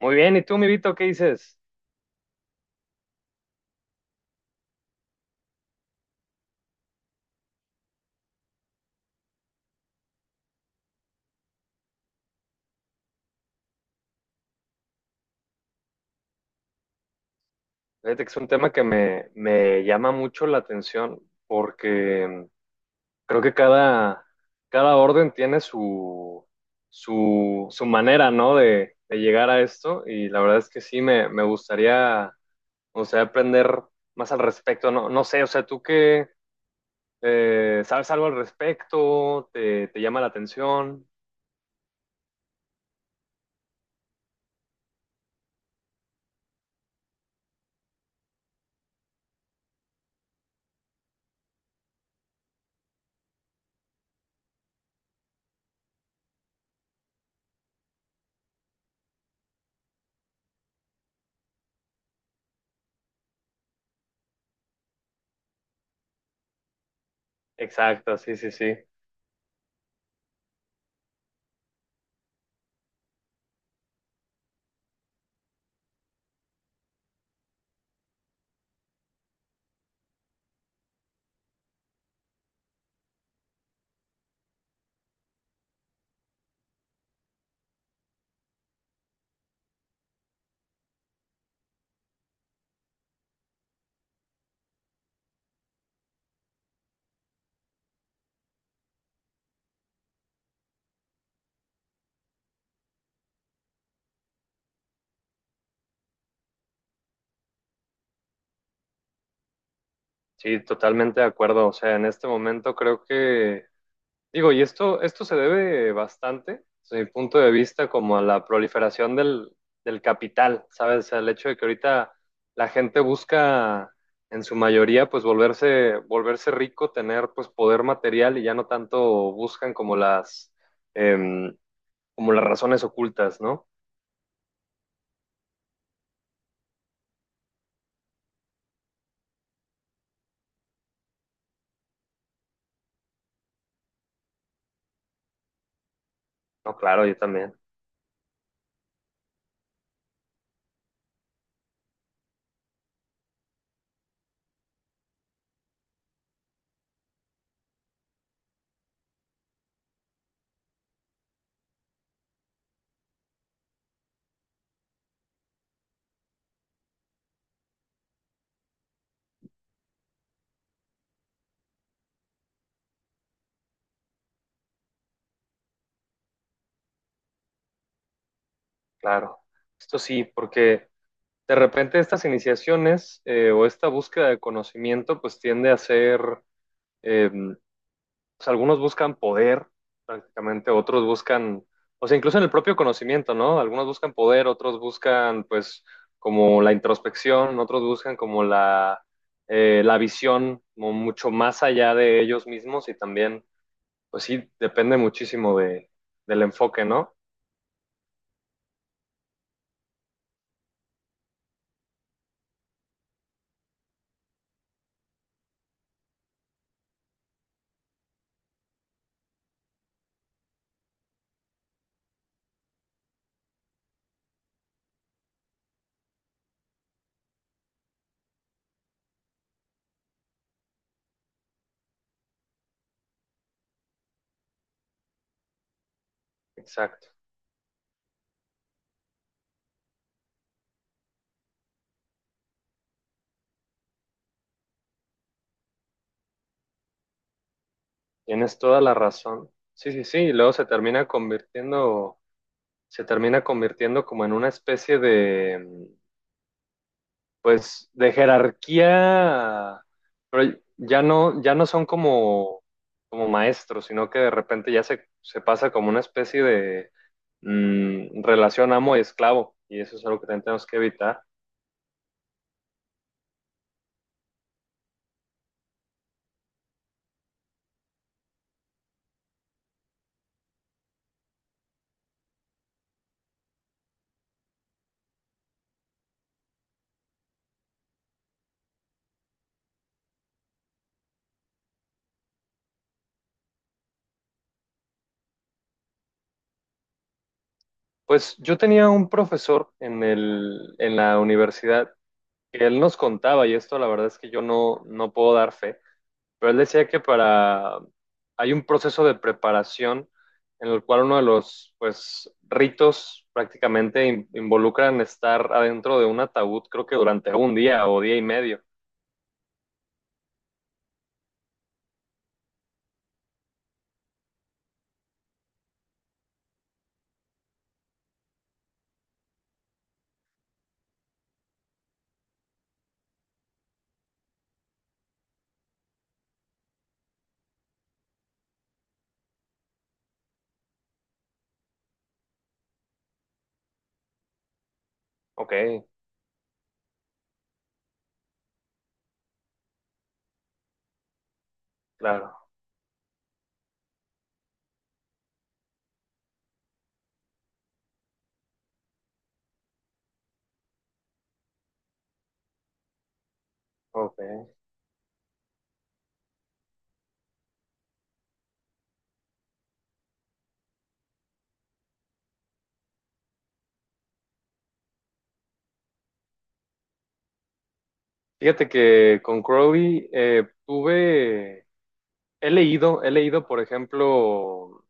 Muy bien, ¿y tú, mi Vito, qué dices? Fíjate que es un tema que me llama mucho la atención porque creo que cada orden tiene su manera, ¿no?, de llegar a esto, y la verdad es que sí, me gustaría aprender más al respecto, ¿no? No sé, o sea, ¿tú qué sabes algo al respecto? Te llama la atención? Exacto, sí, sí, sí. Sí, totalmente de acuerdo. O sea, en este momento creo que Digo, y esto se debe bastante, desde mi punto de vista, como a la proliferación del capital, ¿sabes? O sea, el hecho de que ahorita la gente busca, en su mayoría, pues volverse rico, tener pues poder material y ya no tanto buscan como em, como las razones ocultas, ¿no? No, claro, yo también, claro. Esto sí, porque de repente estas iniciaciones o esta búsqueda de conocimiento pues tiende a ser em, o sea, algunos buscan poder, prácticamente, otros buscan, o sea, incluso en el propio conocimiento, ¿no? Algunos buscan poder, otros buscan, pues, como la introspección, otros buscan como la visión como mucho más allá de ellos mismos y también, pues sí, depende muchísimo del enfoque, ¿no? Exacto. Tienes toda la razón. Sí, sí, sí. Y luego se termina convirtiendo como en una especie de, pues de jerarquía, pero ya no son como, como maestros, sino que de repente ya se pasa como una especie de relación amo y esclavo, y eso es algo que también tenemos que evitar. Pues yo tenía un profesor en en la universidad, que él nos contaba, y esto la verdad es que yo no, no puedo dar fe, pero él decía que para, hay un proceso de preparación en el cual uno de los, pues, ritos prácticamente involucran estar adentro de un ataúd, creo que durante un día o día y medio. Ok, claro, ok. Fíjate que con Crowley he leído, por ejemplo,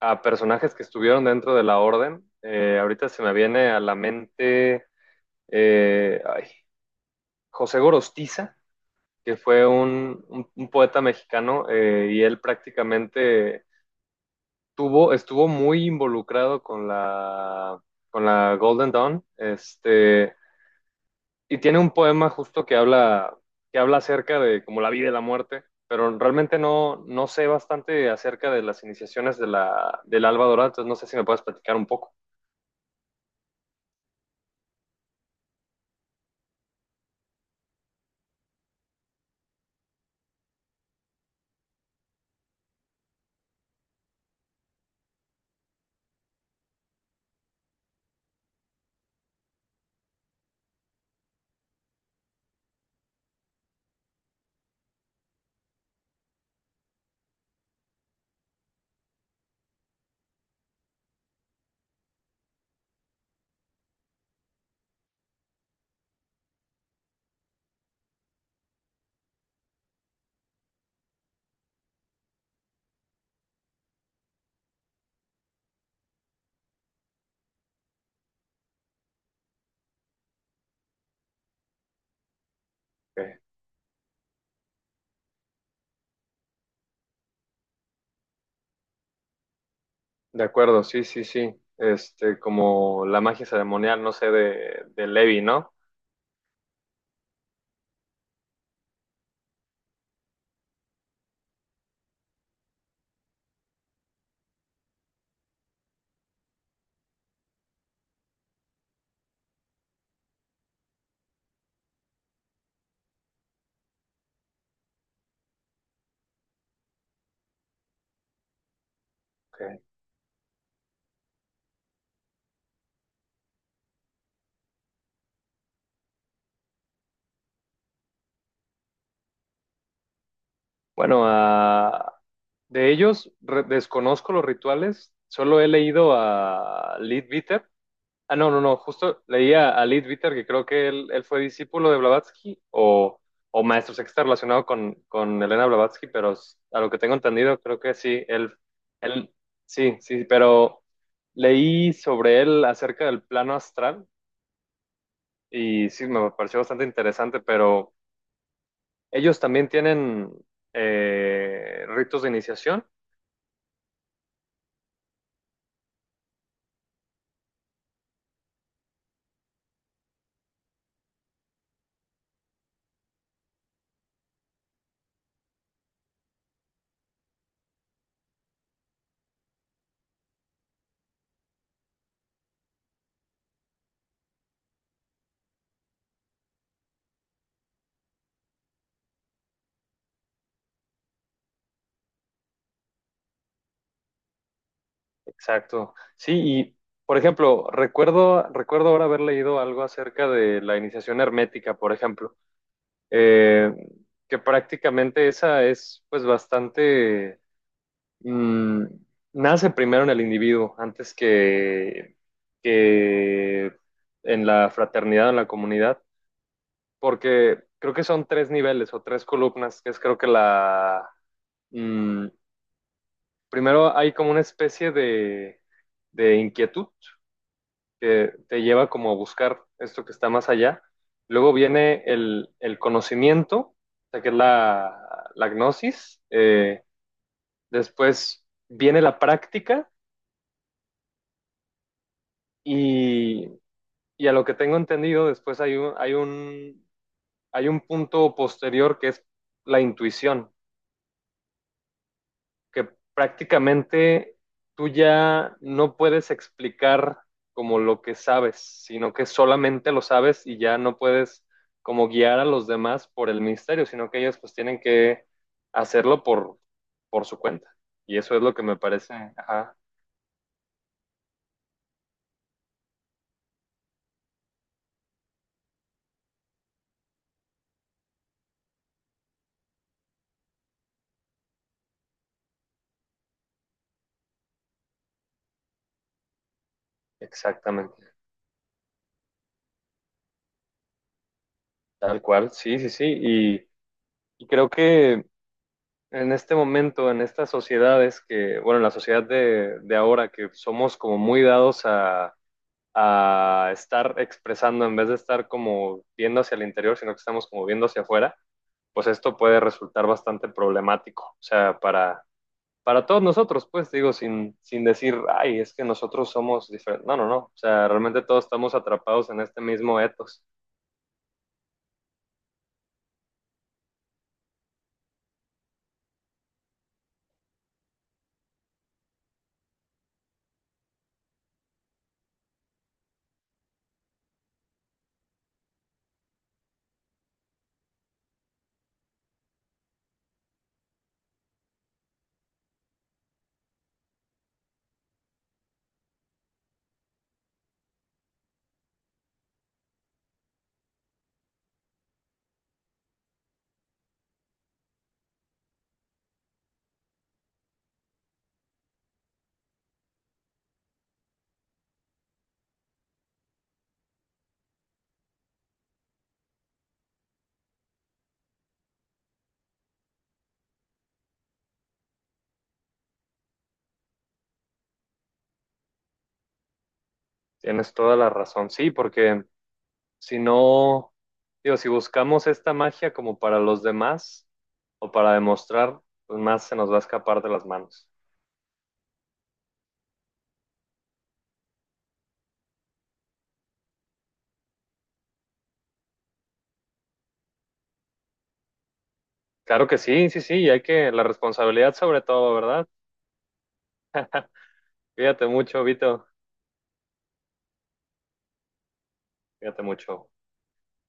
a personajes que estuvieron dentro de la orden. Ahorita se me viene a la mente eh, ay, José Gorostiza, que fue un poeta mexicano, y él prácticamente estuvo muy involucrado con con la Golden Dawn. Este, y tiene un poema justo que habla acerca de como la vida y la muerte, pero realmente no sé bastante acerca de las iniciaciones de la, del Alba Dorada, entonces no sé si me puedes platicar un poco. Okay. De acuerdo, sí, sí, sí. Este, como la magia ceremonial, no sé, de Levi, ¿no? Okay. Bueno, a, de ellos desconozco los rituales, solo he leído a Leadbeater. Ah, no, no, no, justo leía a Leadbeater, que creo que él fue discípulo de Blavatsky o maestro sexta relacionado con Elena Blavatsky, pero a lo que tengo entendido, creo que sí, él, sí, sí, pero leí sobre él acerca del plano astral, y sí, me pareció bastante interesante, pero ellos también tienen ritos de iniciación. Exacto. Sí, y por ejemplo, recuerdo ahora haber leído algo acerca de la iniciación hermética, por ejemplo, eh, que prácticamente esa es pues bastante, mm, nace primero en el individuo antes que en la fraternidad, en la comunidad, porque creo que son tres niveles o tres columnas, que es creo que la, mm, primero hay como una especie de inquietud que te lleva como a buscar esto que está más allá. Luego viene el conocimiento, o sea, que es la gnosis. Después viene la práctica y, y a lo que tengo entendido, después hay hay un punto posterior que es la intuición, que prácticamente tú ya no puedes explicar como lo que sabes, sino que solamente lo sabes y ya no puedes como guiar a los demás por el misterio, sino que ellos pues tienen que hacerlo por su cuenta. Y eso es lo que me parece, ajá, exactamente, tal cual, sí, sí, sí. Y creo que en este momento, en estas sociedades que, bueno, en la sociedad de ahora, que somos como muy dados a estar expresando, en vez de estar como viendo hacia el interior, sino que estamos como viendo hacia afuera, pues esto puede resultar bastante problemático. O sea, para todos nosotros, pues digo, sin decir, ay, es que nosotros somos diferentes. No, no, no. O sea, realmente todos estamos atrapados en este mismo etos. Tienes toda la razón. Sí, porque si no, digo, si buscamos esta magia como para los demás o para demostrar, pues más se nos va a escapar de las manos. Claro que sí, sí, sí, y hay que, la responsabilidad sobre todo, ¿verdad? Cuídate mucho, Vito, cuídate mucho.